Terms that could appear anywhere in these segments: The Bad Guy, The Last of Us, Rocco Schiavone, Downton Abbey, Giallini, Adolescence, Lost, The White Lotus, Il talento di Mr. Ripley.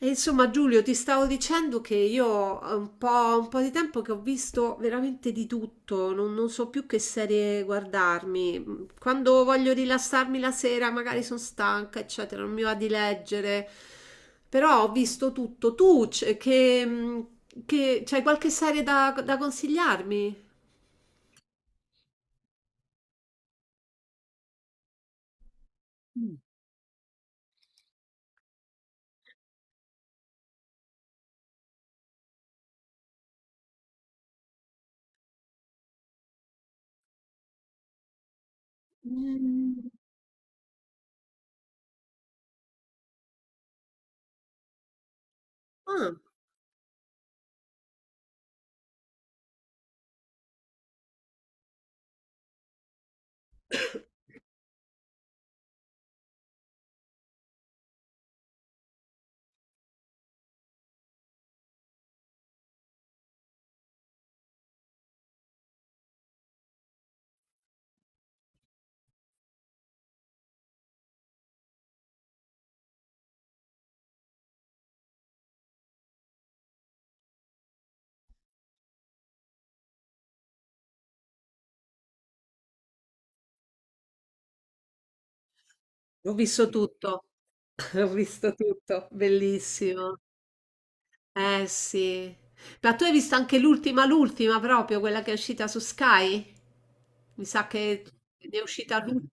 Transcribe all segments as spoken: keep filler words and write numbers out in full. E insomma, Giulio, ti stavo dicendo che io ho un po', un po' di tempo che ho visto veramente di tutto, non, non so più che serie guardarmi. Quando voglio rilassarmi la sera, magari sono stanca, eccetera, non mi va di leggere. Però ho visto tutto. Tu, c- che, mm, che- c'hai qualche serie da, da consigliarmi? Mm. Mm. Ah, ho visto tutto, ho visto tutto, bellissimo. Eh sì. Ma tu hai visto anche l'ultima, l'ultima proprio, quella che è uscita su Sky? Mi sa che ne è uscita l'ultima.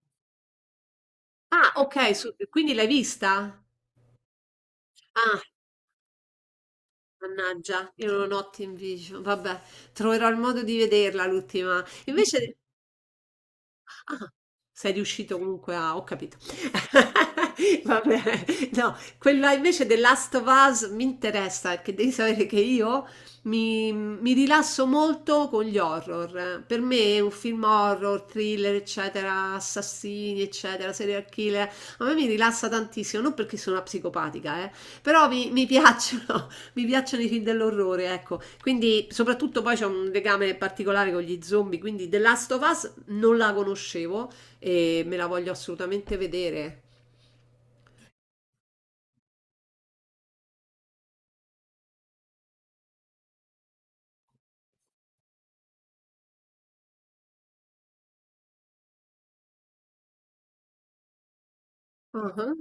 Ah, ok, su- quindi l'hai vista? Ah, mannaggia, io non ho Team Vision. Vabbè, troverò il modo di vederla l'ultima. Invece ah, sei riuscito comunque a ho capito. Va bene. No, quella invece The Last of Us mi interessa, perché devi sapere che io mi, mi rilasso molto con gli horror. Per me un film horror, thriller, eccetera, assassini, eccetera, serial killer, a me mi rilassa tantissimo, non perché sono una psicopatica, eh, però mi, mi piacciono, mi piacciono i film dell'orrore, ecco. Quindi, soprattutto poi c'è un legame particolare con gli zombie, quindi The Last of Us non la conoscevo e me la voglio assolutamente vedere. Ah-ah.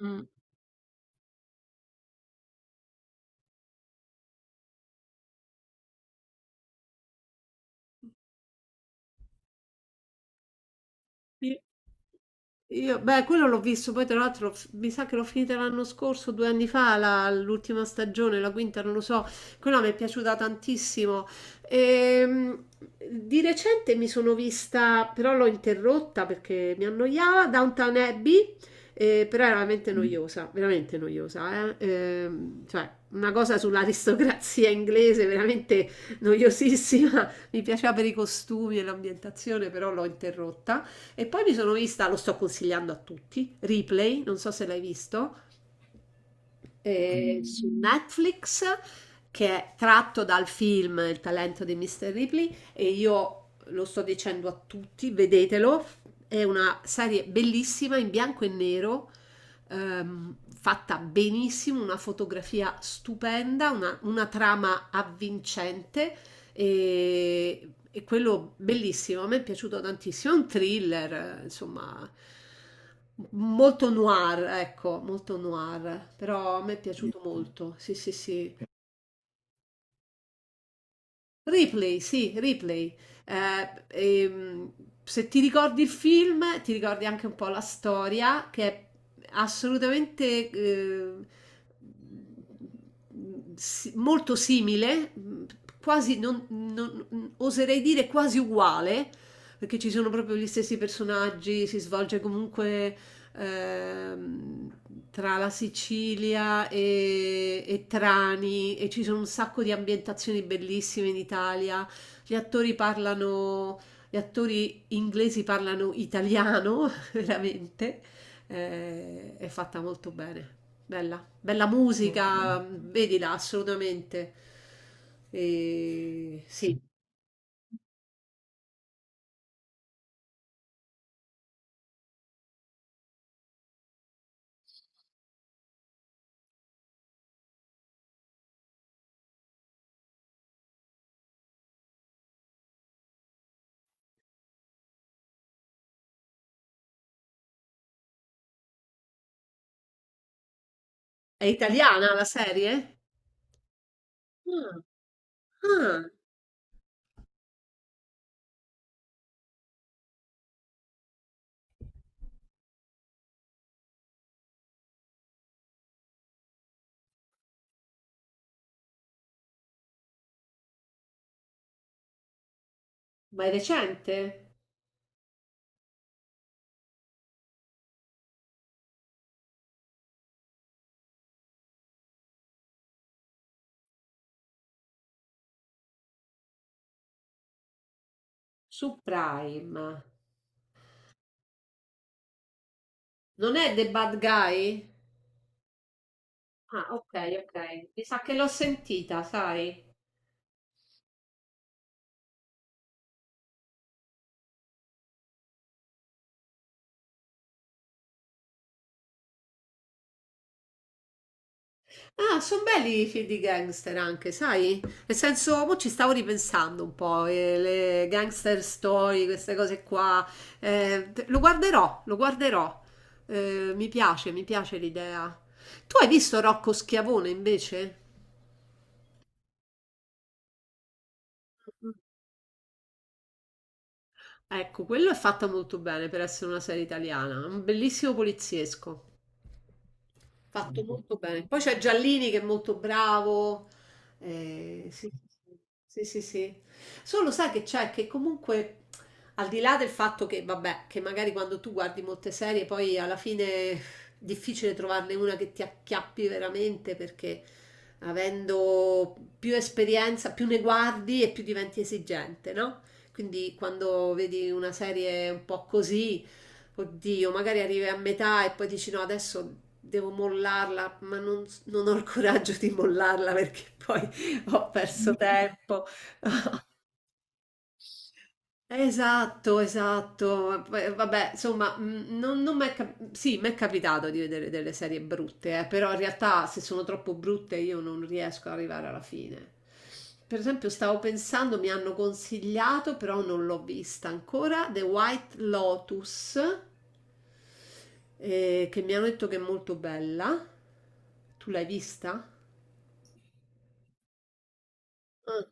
Mm. Sì. Io, beh, quello l'ho visto, poi tra l'altro l'ho f- mi sa che l'ho finita l'anno scorso, due anni fa, la- l'ultima stagione, la quinta, non lo so, quella mi è piaciuta tantissimo. Ehm, di recente mi sono vista, però l'ho interrotta perché mi annoiava, Downton Abbey, eh, però era veramente mm, noiosa, veramente noiosa, eh. Ehm, cioè una cosa sull'aristocrazia inglese, veramente noiosissima, mi piaceva per i costumi e l'ambientazione, però l'ho interrotta. E poi mi sono vista, lo sto consigliando a tutti, Replay, non so se l'hai visto, eh, su Netflix, che è tratto dal film Il talento di mister Ripley e io lo sto dicendo a tutti, vedetelo, è una serie bellissima in bianco e nero, ehm, fatta benissimo, una fotografia stupenda, una, una trama avvincente e, e quello bellissimo, a me è piaciuto tantissimo, è un thriller, eh, insomma, molto noir, ecco, molto noir, però a me è piaciuto molto, sì, sì, sì. Ripley, sì, Ripley. Eh, ehm, se ti ricordi il film, ti ricordi anche un po' la storia, che è assolutamente eh, si- molto simile, mh, quasi, non, non- oserei dire quasi uguale perché ci sono proprio gli stessi personaggi, si svolge comunque ehm, tra la Sicilia e, e Trani e ci sono un sacco di ambientazioni bellissime in Italia. Gli attori parlano, gli attori inglesi parlano italiano, veramente. Eh, è fatta molto bene. Bella, bella musica, vedila assolutamente. E- sì, è italiana la serie? Ah, ah, ma è recente? Su Prime. Non è The Bad Guy? Ah, ok, ok. Mi sa che l'ho sentita, sai? Ah, sono belli i film di gangster anche, sai? Nel senso, mo ci stavo ripensando un po', eh, le gangster story, queste cose qua. Eh, lo guarderò, lo guarderò. Eh, mi piace, mi piace l'idea. Tu hai visto Rocco Schiavone invece? Ecco, quello è fatta molto bene per essere una serie italiana, un bellissimo poliziesco. Fatto molto bene. Poi c'è Giallini che è molto bravo. Eh, sì, sì, sì, sì, sì. Solo sai che c'è che comunque, al di là del fatto che, vabbè, che magari quando tu guardi molte serie, poi alla fine è difficile trovarne una che ti acchiappi veramente perché avendo più esperienza, più ne guardi e più diventi esigente, no? Quindi quando vedi una serie un po' così oddio, magari arrivi a metà e poi dici no, adesso devo mollarla, ma non, non ho il coraggio di mollarla perché poi ho perso tempo. Esatto, esatto. Poi, vabbè, insomma, mh, non, non m'è cap- sì, mi è capitato di vedere delle serie brutte, eh, però in realtà se sono troppo brutte io non riesco ad arrivare alla fine. Per esempio, stavo pensando, mi hanno consigliato, però non l'ho vista ancora, The White Lotus, eh, che mi hanno detto che è molto bella. Tu l'hai vista? Ah,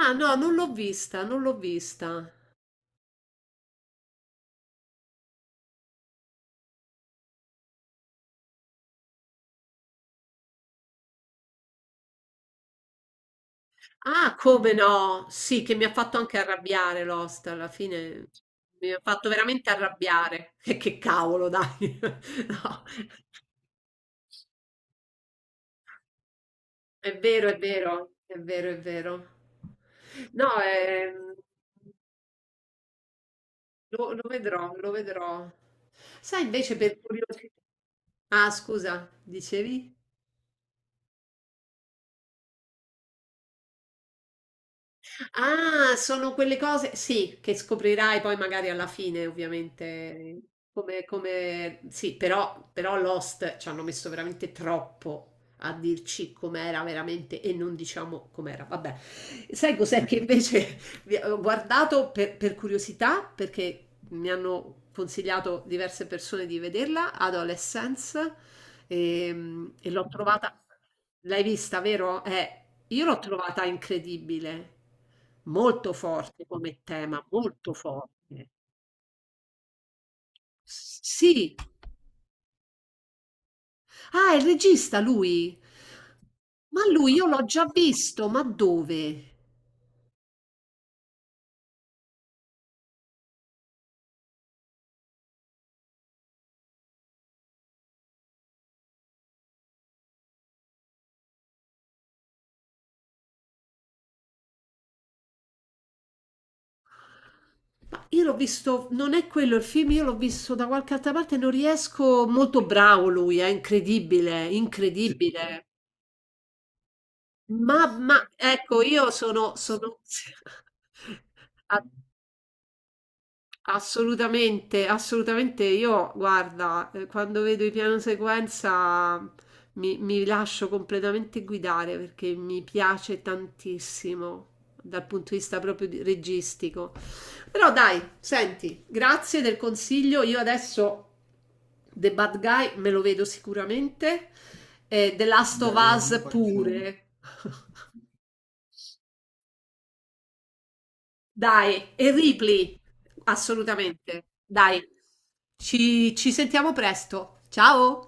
ah, no, non l'ho vista, non l'ho vista. Ah, come no? Sì, che mi ha fatto anche arrabbiare Lost, alla fine mi ha fatto veramente arrabbiare. E che cavolo, dai. No, è vero, è vero, è vero, è vero. No, ehm, lo, lo vedrò, lo vedrò. Sai, invece per curiosità... Ah, scusa, dicevi? Ah, sono quelle cose, sì, che scoprirai poi magari alla fine, ovviamente, come, come... Sì, però, però Lost ci hanno messo veramente troppo a dirci com'era veramente e non diciamo com'era. Vabbè, sai cos'è che invece vi- ho guardato per, per curiosità, perché mi hanno consigliato diverse persone di vederla, Adolescence, Ehm, e l'ho trovata, l'hai vista, vero? Eh, io l'ho trovata incredibile, molto forte come tema, molto forte. S- Sì. Ah, è il regista lui. Ma lui io l'ho già visto, ma dove? Ma io l'ho visto, non è quello il film, io l'ho visto da qualche altra parte, non riesco, molto bravo lui, è incredibile, incredibile. Ma, ma ecco, io sono, sono... a- Assolutamente, assolutamente. Io, guarda, eh, quando vedo i piano sequenza mi, mi lascio completamente guidare perché mi piace tantissimo dal punto di vista proprio di- registico. Però dai, senti, grazie del consiglio. Io adesso The Bad Guy me lo vedo sicuramente e The Last of Bello, Us facciamo pure. Dai, e Ripley, assolutamente. Dai, ci ci sentiamo presto. Ciao!